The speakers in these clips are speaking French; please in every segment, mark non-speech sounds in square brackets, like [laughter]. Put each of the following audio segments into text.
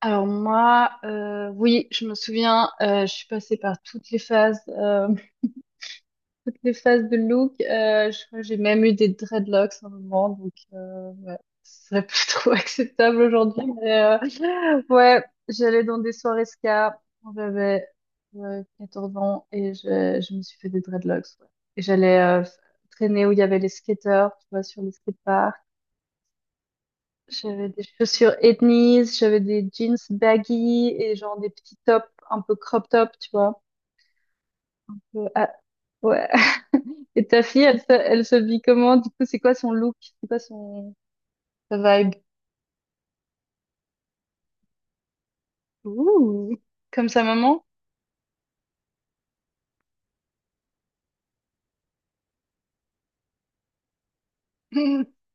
Alors moi, oui, je me souviens, je suis passée par toutes les phases, [laughs] toutes les phases de look. Je crois que j'ai même eu des dreadlocks à un moment, donc ouais, ce serait plus [laughs] trop acceptable aujourd'hui. Mais ouais, j'allais dans des soirées ska quand j'avais 14 ans et je me suis fait des dreadlocks. Ouais. Et j'allais traîner où il y avait les skateurs, tu vois, sur les skateparks. J'avais des chaussures ethnies, j'avais des jeans baggy et genre des petits tops un peu crop top, tu vois. Ah, ouais. [laughs] Et ta fille, elle, elle se vit comment? Du coup, c'est quoi son look? C'est quoi son sa vibe? Ouh. Comme sa maman? [laughs]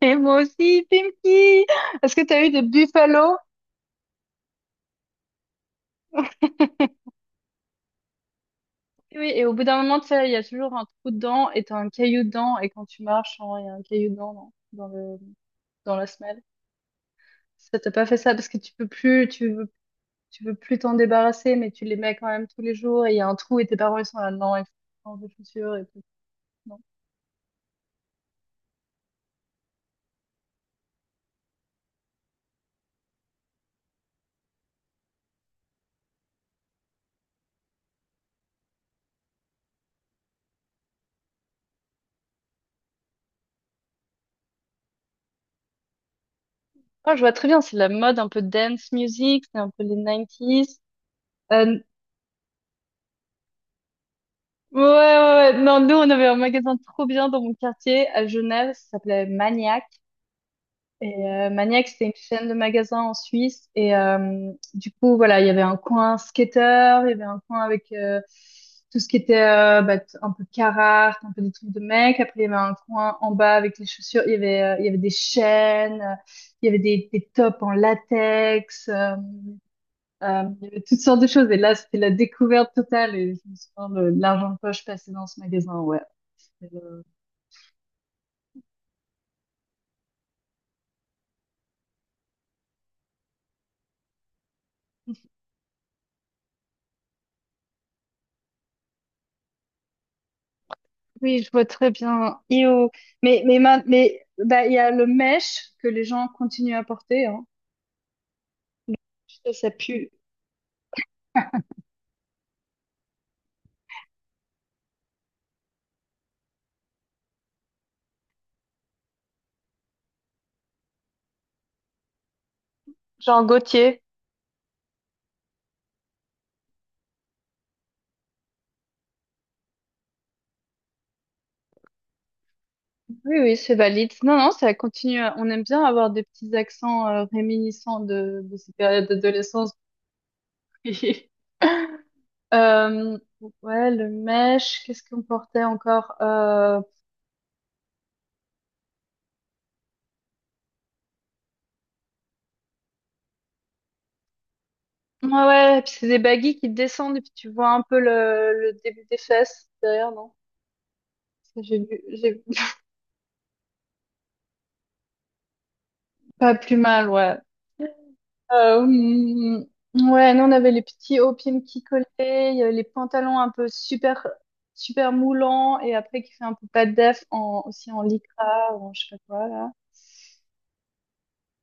Et moi aussi, Pimki! Est-ce que t'as eu des buffalo? Oui, oui, et au bout d'un moment, tu sais, il y a toujours un trou dedans et t'as un caillou dedans. Et quand tu marches, genre, il y a un caillou dedans dans, dans le, dans la semelle. Ça t'a pas fait ça parce que tu peux plus, tu veux plus t'en débarrasser, mais tu les mets quand même tous les jours et il y a un trou et tes parents ils sont là, non, il faut changer de chaussures et tout. Non. Ah, je vois très bien, c'est la mode un peu dance music, c'est un peu les nineties. Euh, ouais, ouais, ouais, non, nous on avait un magasin trop bien dans mon quartier à Genève, ça s'appelait Maniac. Et Maniac, c'était une chaîne de magasins en Suisse. Et du coup, voilà, il y avait un coin skater, il y avait un coin avec tout ce qui était bah, un peu Carhartt, un peu des trucs de mecs. Après, il y avait un coin en bas avec les chaussures. Il y avait des chaînes, il y avait des tops en latex. Il y avait toutes sortes de choses. Et là, c'était la découverte totale. Et je me souviens de l'argent de poche passé dans ce magasin. Ouais. Oui, je vois très bien. Io. Mais bah, il y a le mesh que les gens continuent à porter. Hein. Ça pue. Jean Gaultier. Oui, oui, c'est valide. Non, non, ça continue. On aime bien avoir des petits accents réminiscents de ces périodes d'adolescence. [laughs] Euh, ouais, le mesh, qu'est-ce qu'on portait encore? Ouais, ouais, et puis c'est des baggy qui descendent et puis tu vois un peu le début des fesses derrière, non? Ça, j'ai vu, j'ai vu. [laughs] Pas plus mal, ouais. Euh, hum, ouais, nous on avait les petits hauts pieds qui collaient, il y avait les pantalons un peu super super moulants et après qui fait un peu pas def en aussi en lycra ou en je sais pas quoi là.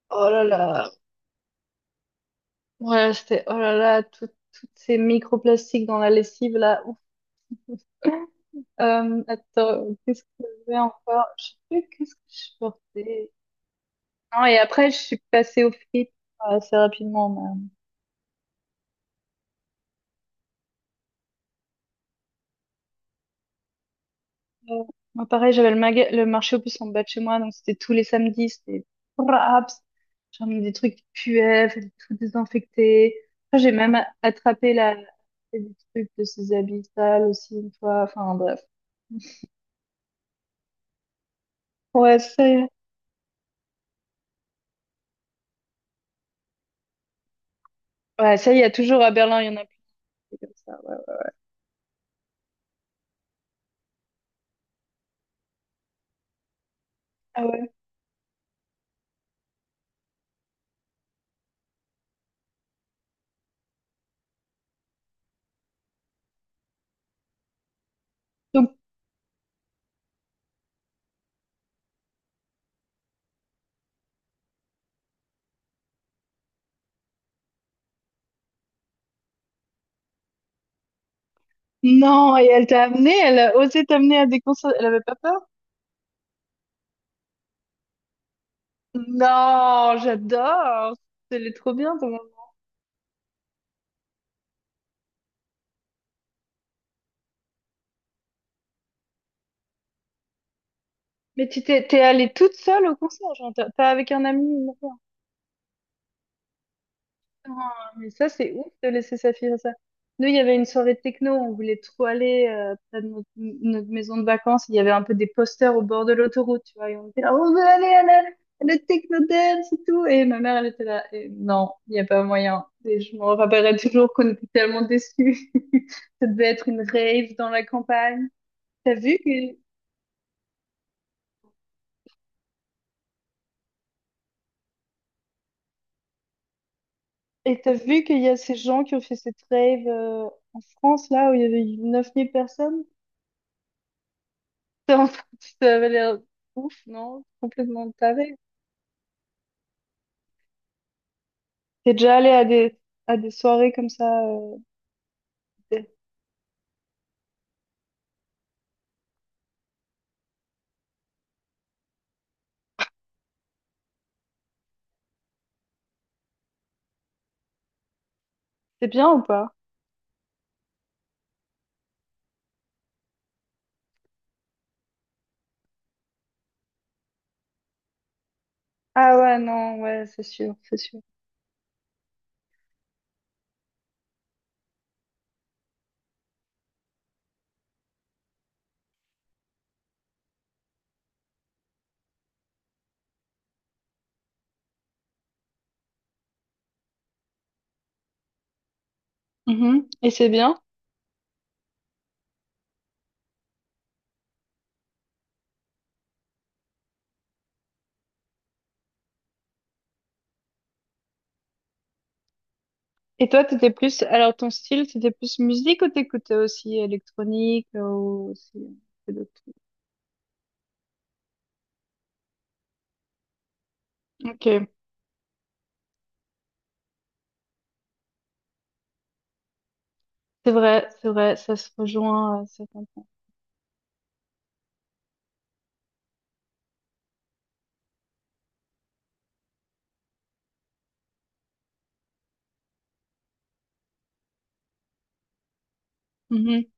Oh là là. Ouais, c'était oh là là toutes ces microplastiques dans la lessive là. Ouf. Attends, qu'est-ce que j'avais encore? Je sais plus qu'est-ce que je portais. Non, et après je suis passée aux frites assez rapidement. Euh, Moi, pareil, j'avais le marché aux puces en bas de chez moi, donc c'était tous les samedis, c'était raps. J'emmenais des trucs qui puaient, fallait tout désinfecter. Après, j'ai même attrapé des trucs de ses habits sales aussi une fois. Enfin, bref. Ouais, ça y est. Ouais, ça y est, toujours à Berlin, il y en a plus. C'est comme ça. Ouais, ouais. Ah ouais. Donc, non, et elle t'a amené, elle a osé t'amener à des concerts. Elle avait pas peur? Non, j'adore. Elle trop bien. Mais tu t'es allée toute seule au concert, genre pas avec un ami, ni rien. Ah, mais ça, c'est ouf de laisser sa fille faire ça. Nous, il y avait une soirée techno, on voulait trop aller près de notre maison de vacances. Il y avait un peu des posters au bord de l'autoroute, tu vois. Et on était là, on veut aller à la techno dance et tout. Et ma mère, elle était là. Et non, il n'y a pas moyen. Et je me rappellerai toujours qu'on était tellement déçus. [laughs] Ça devait être une rave dans la campagne. T'as vu que Et t'as vu qu'il y a ces gens qui ont fait cette rave en France, là, où il y avait 9 000 personnes? [laughs] T'es en train- [laughs] Ça avait l'air ouf, non? Complètement taré. T'es déjà allé à des soirées comme ça? C'est c'est bien ou pas? Ah ouais, non, ouais, c'est sûr, c'est sûr. Mhm. Et c'est bien? Et toi, Alors, ton style, c'était plus musique ou t'écoutais aussi électronique ou aussi un peu d'autres trucs? Ok, c'est vrai, ça se rejoint à certains points. Mhm.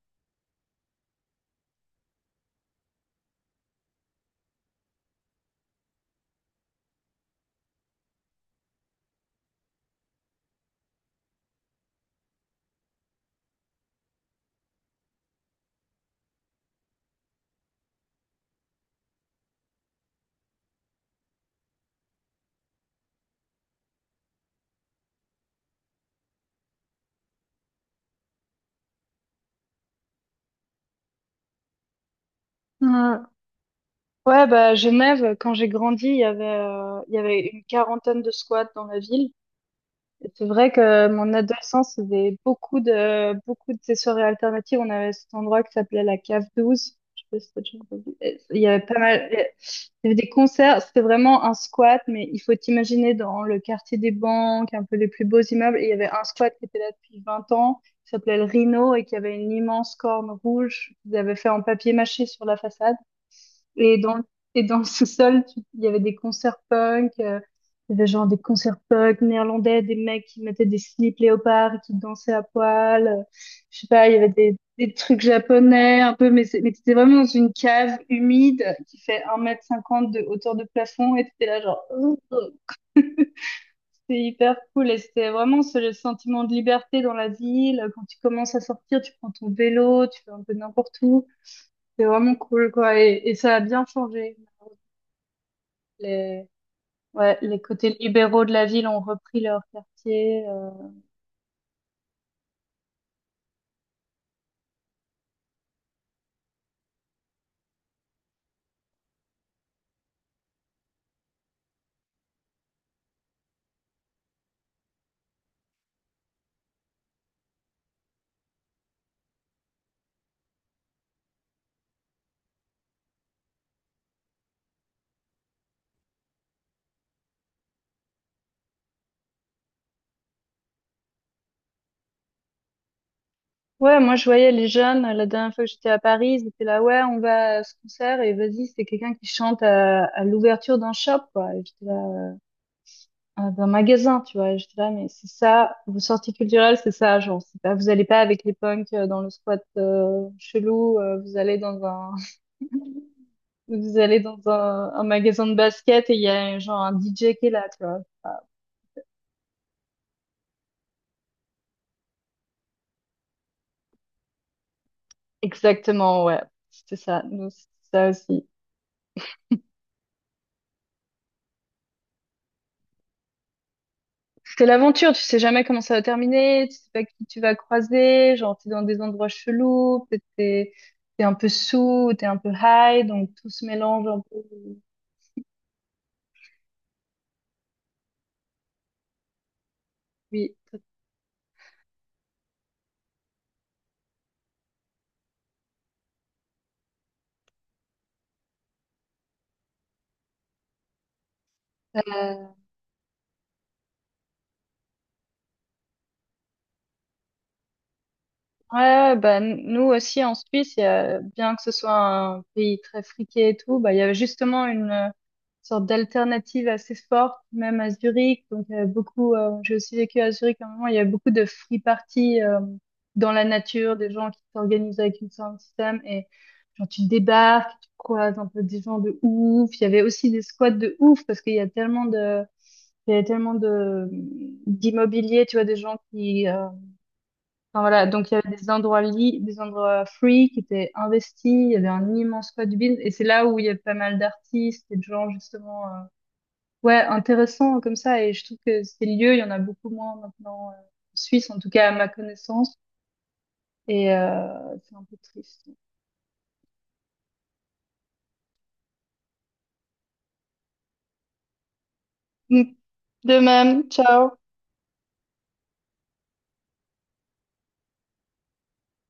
Ouais. Ouais, bah, à Genève, quand j'ai grandi, il y avait une quarantaine de squats dans la ville. Et c'est vrai que mon adolescence, il y avait beaucoup de ces soirées alternatives. On avait cet endroit qui s'appelait la Cave 12. Je sais pas si t'as déjà entendu. Et il y avait pas mal, il y avait des concerts. C'était vraiment un squat, mais il faut t'imaginer dans le quartier des banques, un peu les plus beaux immeubles. Et il y avait un squat qui était là depuis 20 ans, qui s'appelait le Rhino et qui avait une immense corne rouge qu'ils avaient fait en papier mâché sur la façade. Et dans, et dans le sous-sol, il y avait des concerts punk, il y avait genre des concerts punk néerlandais, des mecs qui mettaient des slips léopards et qui dansaient à poil. Je sais pas, il y avait des trucs japonais un peu, mais mais t'étais vraiment dans une cave humide qui fait 1,50 m de hauteur de plafond et t'étais là genre, ouh. C'était hyper cool et c'était vraiment ce sentiment de liberté dans la ville. Quand tu commences à sortir, tu prends ton vélo, tu fais un peu n'importe où. C'est vraiment cool, quoi. Et ça a bien changé. Ouais, les côtés libéraux de la ville ont repris leur quartier. Ouais, moi je voyais les jeunes, la dernière fois que j'étais à Paris, ils étaient là, ouais, on va à ce concert et vas-y, c'est quelqu'un qui chante à l'ouverture d'un shop, quoi. Et j'étais là, ah, d'un magasin, tu vois. Et j'étais là, mais c'est ça, vos sorties culturelles, c'est ça, genre, c'est pas, vous allez pas avec les punks dans le squat chelou, vous allez dans un, [laughs] vous allez dans un magasin de basket et il y a genre un DJ qui est là, tu vois. Enfin. Exactement, ouais. C'était ça. Nous, c'était ça aussi. C'est l'aventure, tu sais jamais comment ça va terminer, tu sais pas qui tu vas croiser, genre t'es dans des endroits chelous, peut-être t'es un peu sous, t'es un peu high, donc tout se mélange un peu. Oui. Ouais, ouais, bah, nous aussi en Suisse, bien que ce soit un pays très friqué et tout, bah, il y avait justement une sorte d'alternative assez forte, même à Zurich. Donc, il y avait beaucoup, j'ai aussi vécu à Zurich à un moment, il y avait beaucoup de free parties dans la nature, des gens qui s'organisent avec une sorte de système et genre tu débarques, tu croises un peu des gens de ouf. Il y avait aussi des squats de ouf parce qu'il y a tellement de d'immobilier, tu vois, des gens qui Enfin, voilà, donc il y avait des endroits des endroits free qui étaient investis, il y avait un immense code build et c'est là où il y a pas mal d'artistes et de gens justement ouais, intéressants comme ça et je trouve que ces lieux, il y en a beaucoup moins maintenant en Suisse en tout cas à ma connaissance et c'est un peu triste. Mm. De même, ciao.